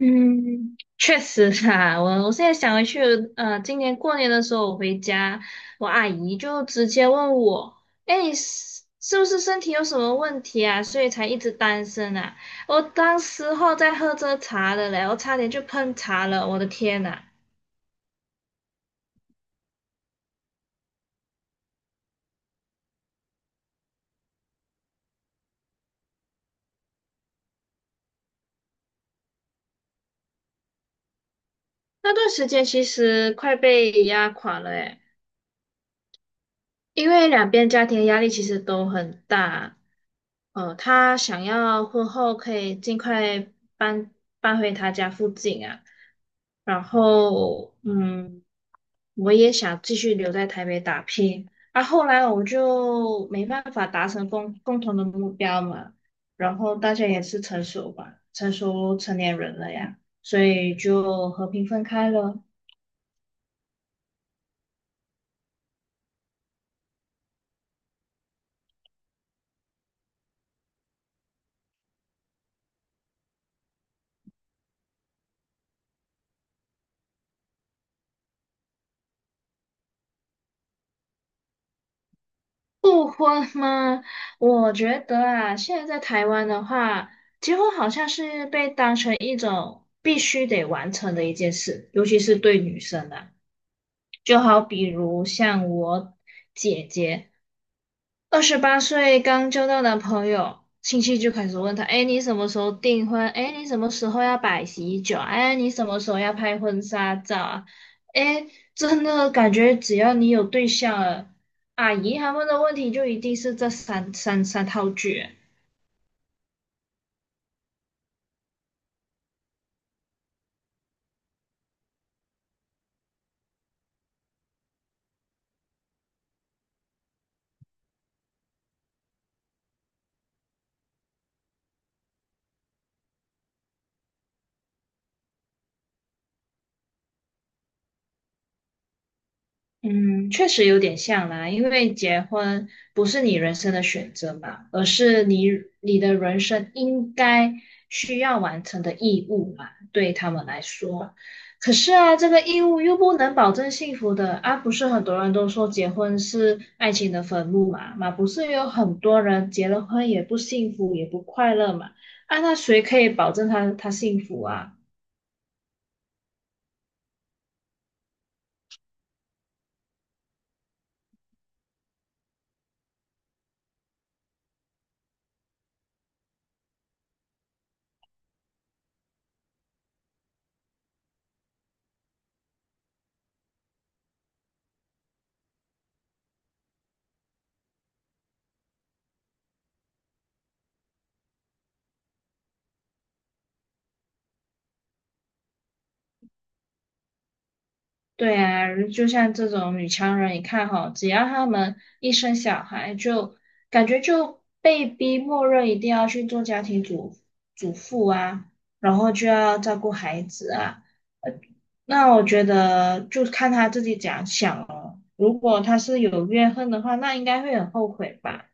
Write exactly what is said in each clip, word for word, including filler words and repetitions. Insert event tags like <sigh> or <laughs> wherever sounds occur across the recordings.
嗯，确实啊，我我现在想回去，呃，今年过年的时候我回家，我阿姨就直接问我，哎，你是是不是身体有什么问题啊？所以才一直单身啊？我当时候在喝着茶的嘞，我差点就喷茶了，我的天呐，那段时间其实快被压垮了诶。因为两边家庭的压力其实都很大，呃，他想要婚后可以尽快搬搬回他家附近啊，然后嗯，我也想继续留在台北打拼，啊，后来我们就没办法达成共共同的目标嘛，然后大家也是成熟吧，成熟成年人了呀，所以就和平分开了。复婚吗？我觉得啊，现在在台湾的话，结婚好像是被当成一种必须得完成的一件事，尤其是对女生啊。就好比如像我姐姐，二十八岁刚交到男朋友，亲戚就开始问他："哎，你什么时候订婚？哎，你什么时候要摆喜酒？哎，你什么时候要拍婚纱照啊？"哎，真的感觉只要你有对象了，阿姨他们的问题就一定是这三三三套句。嗯，确实有点像啦，因为结婚不是你人生的选择嘛，而是你你的人生应该需要完成的义务嘛，对他们来说。可是啊，这个义务又不能保证幸福的啊，不是很多人都说结婚是爱情的坟墓嘛，嘛不是有很多人结了婚也不幸福也不快乐嘛，啊，那谁可以保证他他幸福啊？对啊，就像这种女强人，你看哈，只要她们一生小孩就，感觉就被逼默认一定要去做家庭主主妇啊，然后就要照顾孩子啊。呃那我觉得就看她自己怎样想哦。如果她是有怨恨的话，那应该会很后悔吧。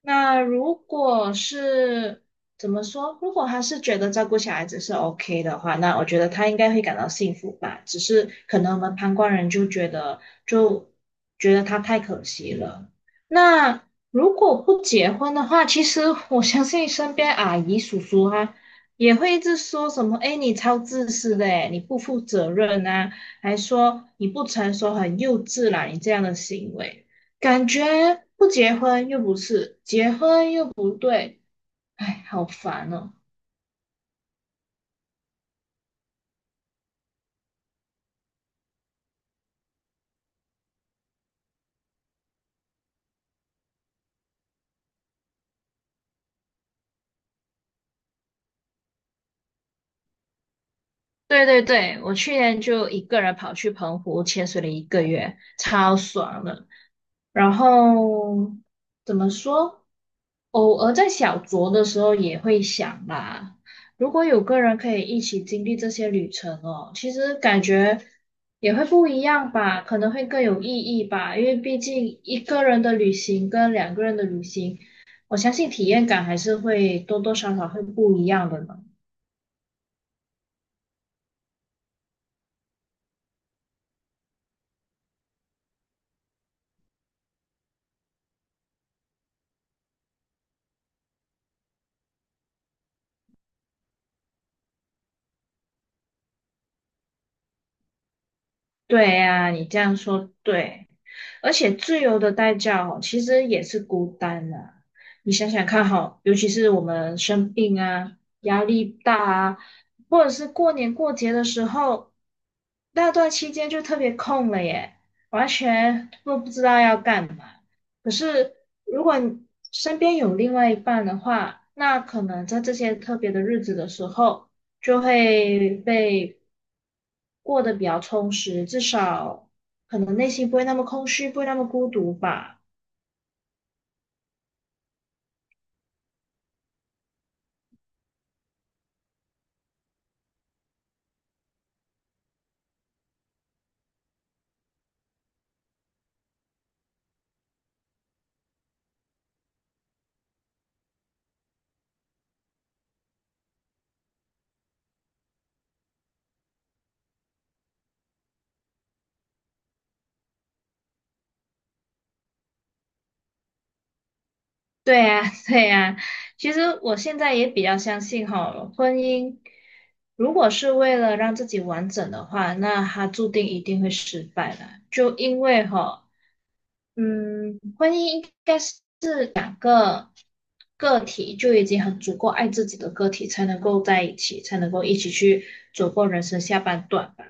那如果是怎么说？如果他是觉得照顾小孩子是 O K 的话，那我觉得他应该会感到幸福吧。只是可能我们旁观人就觉得，就觉得他太可惜了。那如果不结婚的话，其实我相信身边阿姨叔叔啊，也会一直说什么："哎，你超自私的，哎，你不负责任啊，还说你不成熟，很幼稚啦，你这样的行为。"感觉不结婚又不是，结婚又不对，哎，好烦哦。对对对，我去年就一个人跑去澎湖潜水了一个月，超爽的。然后怎么说？偶尔在小酌的时候也会想啦，如果有个人可以一起经历这些旅程哦，其实感觉也会不一样吧，可能会更有意义吧，因为毕竟一个人的旅行跟两个人的旅行，我相信体验感还是会多多少少会不一样的呢。对呀，你这样说对，而且自由的代价哦，其实也是孤单的。你想想看哈，尤其是我们生病啊、压力大啊，或者是过年过节的时候，那段期间就特别空了耶，完全都不知道要干嘛。可是如果你身边有另外一半的话，那可能在这些特别的日子的时候。就会被过得比较充实，至少可能内心不会那么空虚，不会那么孤独吧。对呀，<laughs> 对呀，其实我现在也比较相信哈，婚姻如果是为了让自己完整的话，那它注定一定会失败的，就因为哈，嗯，婚姻应该是两个个体就已经很足够爱自己的个体才能够在一起，才能够一起去走过人生下半段吧。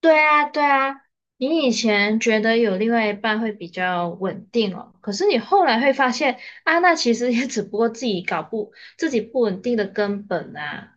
对啊，对啊，你以前觉得有另外一半会比较稳定哦，可是你后来会发现啊，那其实也只不过自己搞不，自己不稳定的根本啊。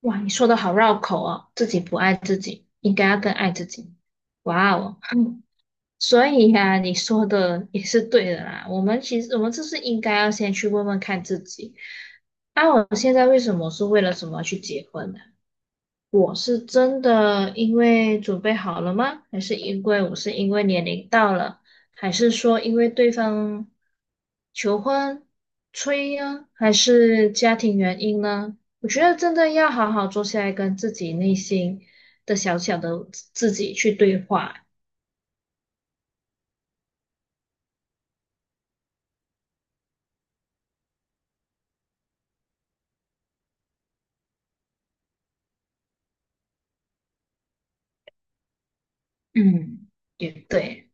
哇，你说的好绕口哦，自己不爱自己，应该要更爱自己。哇哦，嗯 <laughs> 所以呀、你说的也是对的啦。我们其实我们就是应该要先去问问看自己，啊，我现在为什么是为了什么去结婚呢？我是真的因为准备好了吗？还是因为我是因为年龄到了？还是说因为对方求婚、催呀、还是家庭原因呢？我觉得真的要好好坐下来跟自己内心的小小的自自己去对话。嗯，也对。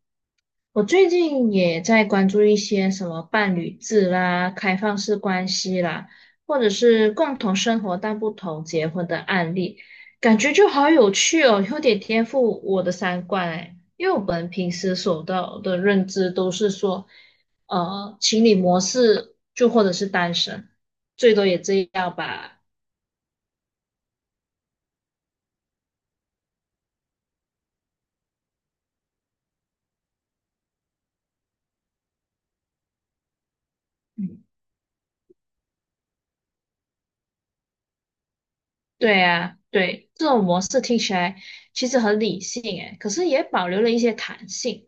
我最近也在关注一些什么伴侣制啦、开放式关系啦，或者是共同生活但不同结婚的案例，感觉就好有趣哦，有点颠覆我的三观哎。因为我们平时所到的认知都是说，呃，情侣模式就或者是单身，最多也这样吧。嗯，对啊，对，这种模式听起来其实很理性哎，可是也保留了一些弹性。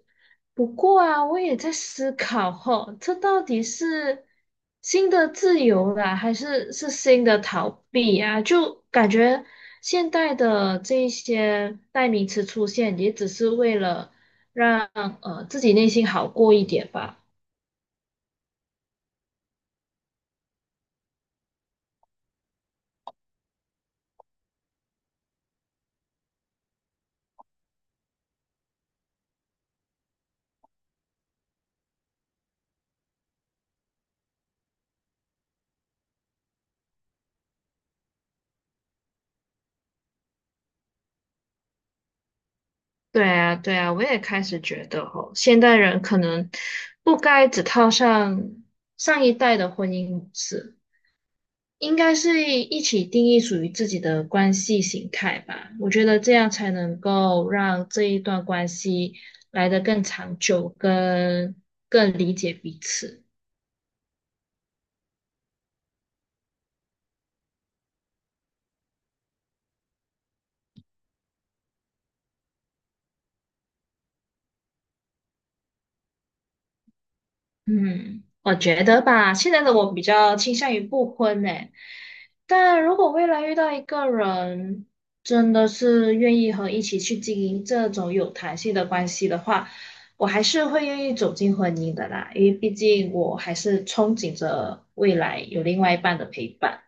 不过啊，我也在思考吼，这到底是新的自由啦，还是是新的逃避啊？就感觉现代的这一些代名词出现，也只是为了让呃自己内心好过一点吧。对啊，对啊，我也开始觉得吼，现代人可能不该只套上上一代的婚姻模式应该是一起定义属于自己的关系形态吧。我觉得这样才能够让这一段关系来得更长久，跟更理解彼此。嗯，我觉得吧，现在的我比较倾向于不婚呢。但如果未来遇到一个人，真的是愿意和一起去经营这种有弹性的关系的话，我还是会愿意走进婚姻的啦，因为毕竟我还是憧憬着未来有另外一半的陪伴。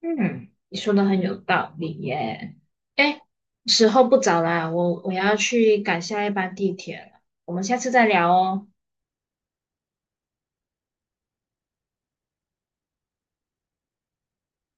嗯，你说的很有道理耶。哎，时候不早啦，我我要去赶下一班地铁了，我们下次再聊哦。